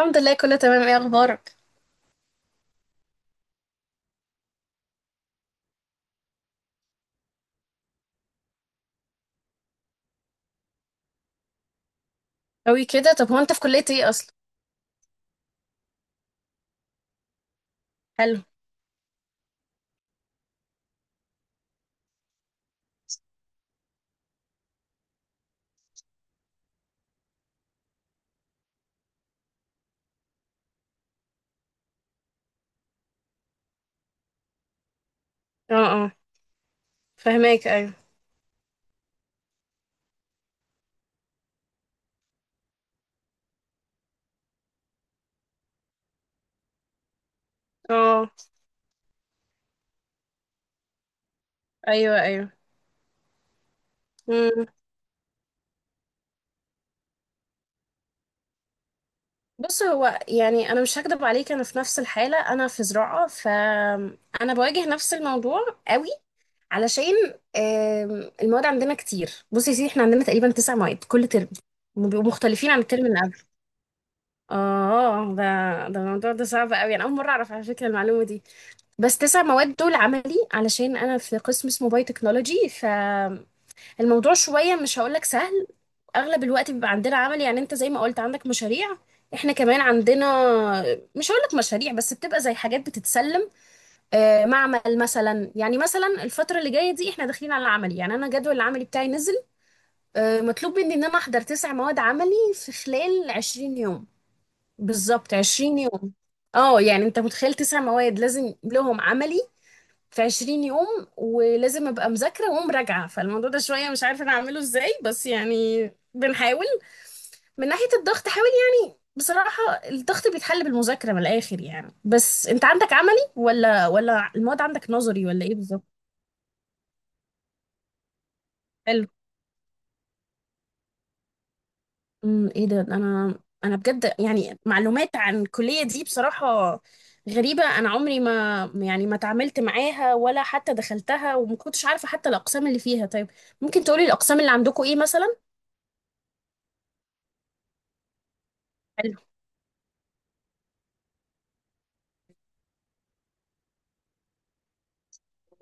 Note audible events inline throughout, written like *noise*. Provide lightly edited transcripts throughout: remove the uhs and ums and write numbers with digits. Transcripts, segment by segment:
الحمد لله، كله تمام. ايه اخبارك؟ قوي كده؟ طب هو انت في كلية ايه اصلا؟ حلو. اه، اه. فهماك، ايوه. اه. ايوه، ايوه. مم. بص، هو يعني انا مش هكدب عليك، انا في نفس الحالة. انا في زراعة، فانا بواجه نفس الموضوع قوي، علشان المواد عندنا كتير. بص يا سيدي، احنا عندنا تقريبا تسع مواد كل ترم، وبيبقوا مختلفين عن الترم اللي قبله. اه، ده الموضوع ده صعب قوي، انا اول مرة اعرف، على فكرة، المعلومة دي. بس تسع مواد دول عملي، علشان انا في قسم اسمه باي تكنولوجي، فالموضوع شويه مش هقولك سهل. اغلب الوقت بيبقى عندنا عملي، يعني انت زي ما قلت عندك مشاريع، احنا كمان عندنا، مش هقولك مشاريع بس بتبقى زي حاجات بتتسلم. معمل مثلا، يعني مثلا الفتره اللي جايه دي احنا داخلين على العملي، يعني انا جدول العملي بتاعي نزل. مطلوب مني ان انا احضر تسع مواد عملي في خلال 20 يوم. بالظبط 20 يوم. اه يعني انت متخيل تسع مواد لازم لهم عملي في 20 يوم؟ ولازم ابقى مذاكره ومراجعه، فالموضوع ده شويه مش عارفه انا اعمله ازاي، بس يعني بنحاول. من ناحيه الضغط حاول، يعني بصراحه الضغط بيتحل بالمذاكره من الاخر، يعني بس انت عندك عملي ولا المواد عندك نظري، ولا ايه بالظبط؟ حلو. ايه ده، انا انا بجد يعني معلومات عن الكليه دي بصراحه غريبه، انا عمري ما، يعني ما تعاملت معاها ولا حتى دخلتها، وما كنتش عارفه حتى الاقسام اللي فيها. طيب، ممكن تقولي الاقسام اللي عندكم ايه مثلا؟ حلو.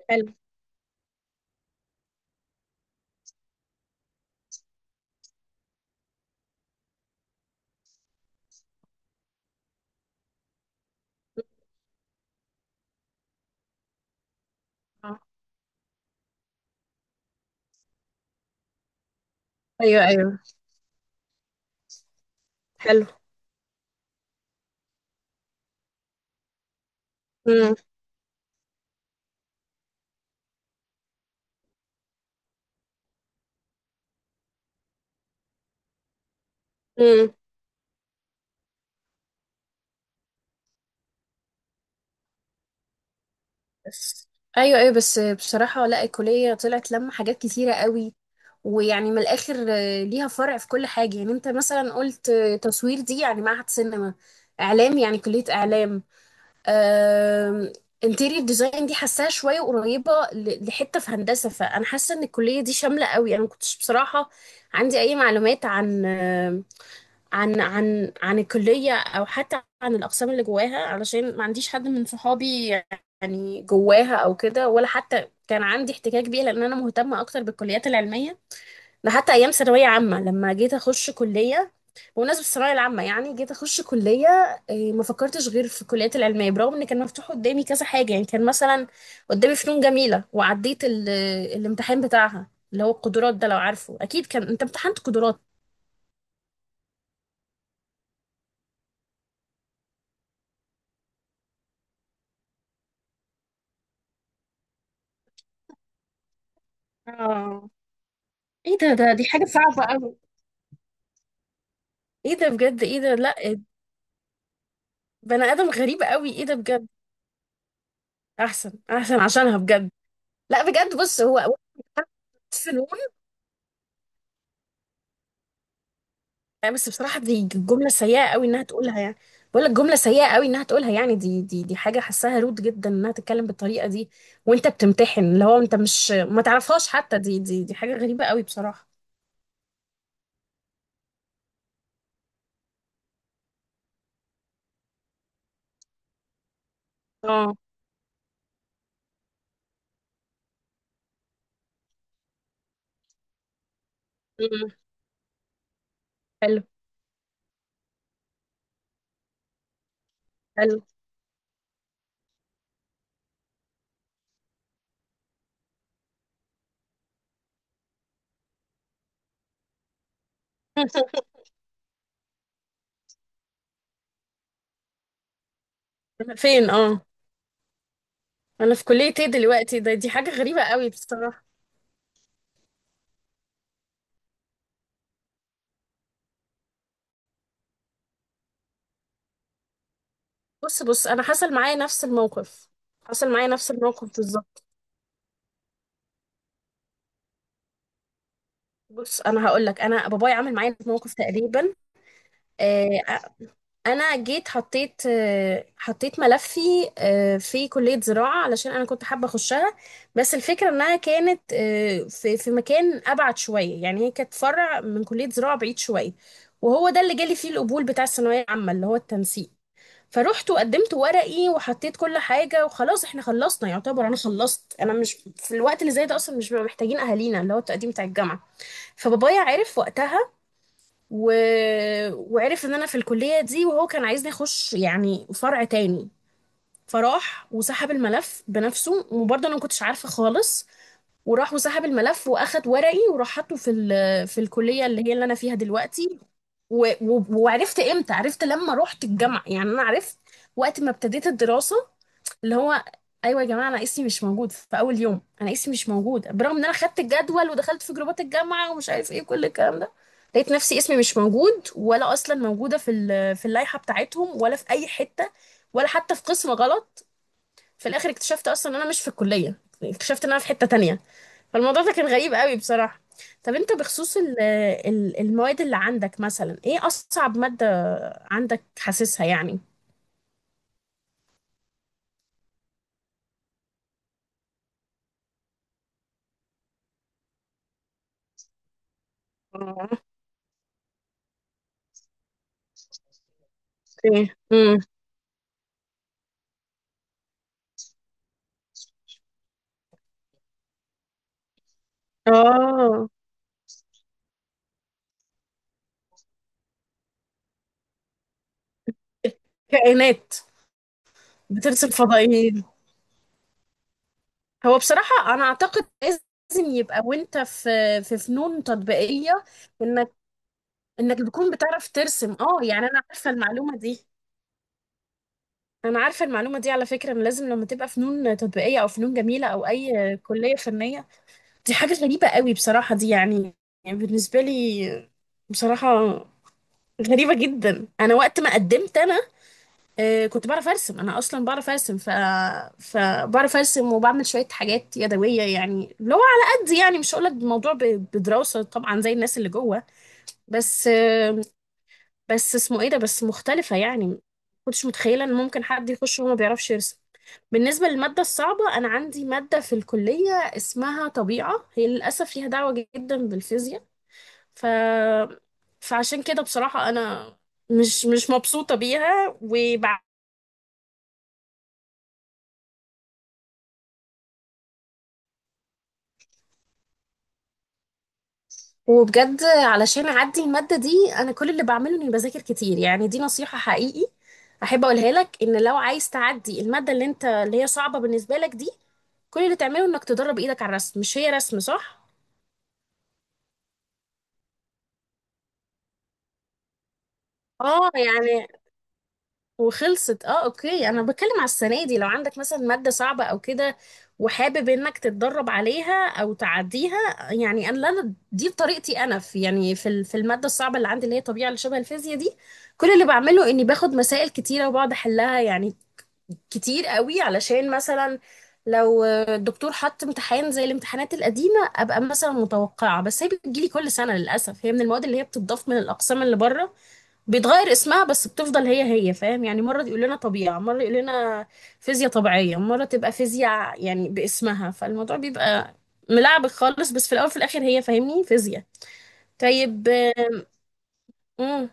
حلو. ايوه، ايوه. حلو. امم. امم. بس. ايوه ايوه، بس بصراحه لا، الكليه طلعت لما حاجات كتيره قوي. ويعني من الاخر ليها فرع في كل حاجه، يعني انت مثلا قلت تصوير دي يعني معهد سينما، اعلام يعني كليه اعلام. آم، انتيريور ديزاين دي حاساها شويه قريبه لحته في هندسه، فانا حاسه ان الكليه دي شامله قوي. انا ما كنتش بصراحه عندي اي معلومات عن الكلية، أو حتى عن الأقسام اللي جواها، علشان ما عنديش حد من صحابي يعني جواها أو كده، ولا حتى كان عندي احتكاك بيها، لأن أنا مهتمة أكتر بالكليات العلمية. ده حتى أيام ثانوية عامة، لما جيت أخش كلية بمناسبة الثانوية العامة، يعني جيت أخش كلية، ما فكرتش غير في الكليات العلمية، برغم إن كان مفتوح قدامي كذا حاجة. يعني كان مثلا قدامي فنون جميلة، وعديت الامتحان بتاعها اللي هو القدرات ده، لو عارفه أكيد كان أنت امتحنت قدرات. اه. ايه ده، دي حاجة صعبة *laughs* قوي. ايه ده بجد، ايه ده، لا، بني ادم غريب قوي، ايه ده بجد. احسن احسن عشانها بجد. لا بجد، بص هو فنون. يعني، بس بصراحة دي جملة سيئة قوي انها تقولها، يعني بقول لك جملة سيئة قوي انها تقولها، يعني دي حاجة حاساها رود جدا انها تتكلم بالطريقة دي، وانت بتمتحن، اللي هو انت مش ما تعرفهاش حتى، دي حاجة غريبة قوي بصراحة. اه. أمم. حلو. حلو. أنا فين؟ اه. انا في كلية ايه دلوقتي؟ دي حاجة غريبة قوي بصراحة. بص بص، انا حصل معايا نفس الموقف، حصل معايا نفس الموقف بالظبط. بص انا هقول لك، انا بابايا عمل معايا موقف تقريبا. آه، انا جيت حطيت ملفي في كلية زراعة، علشان انا كنت حابة اخشها. بس الفكرة انها كانت في مكان ابعد شوية، يعني هي كانت فرع من كلية زراعة بعيد شوية، وهو ده اللي جالي فيه القبول بتاع الثانوية العامة، اللي هو التنسيق. فروحت وقدمت ورقي وحطيت كل حاجة، وخلاص احنا خلصنا يعتبر، انا خلصت. انا مش في الوقت اللي زي ده اصلا مش بيبقى محتاجين اهالينا، اللي هو التقديم بتاع الجامعة. فبابايا عرف وقتها، و... وعرف ان انا في الكلية دي، وهو كان عايزني اخش يعني فرع تاني. فراح وسحب الملف بنفسه، وبرضه انا ما كنتش عارفة خالص. وراح وسحب الملف واخد ورقي وراح حاطه في في الكلية اللي هي اللي انا فيها دلوقتي. وعرفت امتى؟ عرفت لما رحت الجامعة، يعني انا عرفت وقت ما ابتديت الدراسة، اللي هو: ايوه يا جماعه، انا اسمي مش موجود في اول يوم، انا اسمي مش موجود، برغم ان انا خدت الجدول ودخلت في جروبات الجامعه ومش عارف ايه كل الكلام ده. لقيت نفسي اسمي مش موجود، ولا اصلا موجوده في في اللائحه بتاعتهم، ولا في اي حته، ولا حتى في قسم غلط. في الاخر اكتشفت اصلا ان انا مش في الكليه، اكتشفت ان انا في حته تانية. فالموضوع ده كان غريب قوي بصراحه. طب انت بخصوص المواد اللي عندك، مثلا ايه اصعب ماده عندك حاسسها يعني؟ اه، اوكي، امم. اه. كائنات. بترسل فضائيين. هو بصراحة أنا أعتقد لازم يبقى وأنت في فنون تطبيقية، إنك إنك تكون بتعرف ترسم. أه، يعني أنا عارفة المعلومة دي، أنا عارفة المعلومة دي، على فكرة، إن لازم لما تبقى فنون تطبيقية أو فنون جميلة أو أي كلية فنية. دي حاجة غريبة قوي بصراحة دي، يعني، يعني بالنسبة لي بصراحة غريبة جدا. أنا وقت ما قدمت، أنا آه، كنت بعرف ارسم، انا اصلا بعرف ارسم، فبعرف ارسم وبعمل شويه حاجات يدويه، يعني اللي هو على قد يعني، مش هقولك الموضوع بدراسه طبعا زي الناس اللي جوه. بس بس اسمه ايه ده، بس مختلفه، يعني ما كنتش متخيله ان ممكن حد يخش وهو ما بيعرفش يرسم. بالنسبه للماده الصعبه، انا عندي ماده في الكليه اسمها طبيعه، هي للاسف ليها دعوه جدا بالفيزياء، ف فعشان كده بصراحه انا مش مبسوطه بيها. وبجد علشان اعدي المادة دي، انا كل اللي بعمله اني بذاكر كتير. يعني دي نصيحة حقيقي احب اقولها لك، ان لو عايز تعدي المادة اللي انت، اللي هي صعبة بالنسبة لك دي، كل اللي تعمله انك تدرب ايدك على الرسم. مش هي رسم، صح؟ اه يعني، وخلصت. اه، اوكي، انا بتكلم على السنه دي، لو عندك مثلا ماده صعبه او كده وحابب انك تتدرب عليها او تعديها. يعني انا دي بطريقتي انا. في يعني في في الماده الصعبه اللي عندي، اللي هي طبيعه اللي شبه الفيزياء دي، كل اللي بعمله اني باخد مسائل كتيره وبقعد احلها، يعني كتير قوي، علشان مثلا لو الدكتور حط امتحان زي الامتحانات القديمه ابقى مثلا متوقعه. بس هي بتجيلي كل سنه للاسف، هي من المواد اللي هي بتضاف من الاقسام اللي بره، بيتغير اسمها بس بتفضل هي هي، فاهم؟ يعني مرة يقول لنا طبيعة، مرة يقول لنا فيزياء طبيعية، مرة تبقى فيزياء يعني باسمها، فالموضوع بيبقى ملعبك خالص، بس في الأول وفي الآخر هي فاهمني فيزياء. طيب. امم.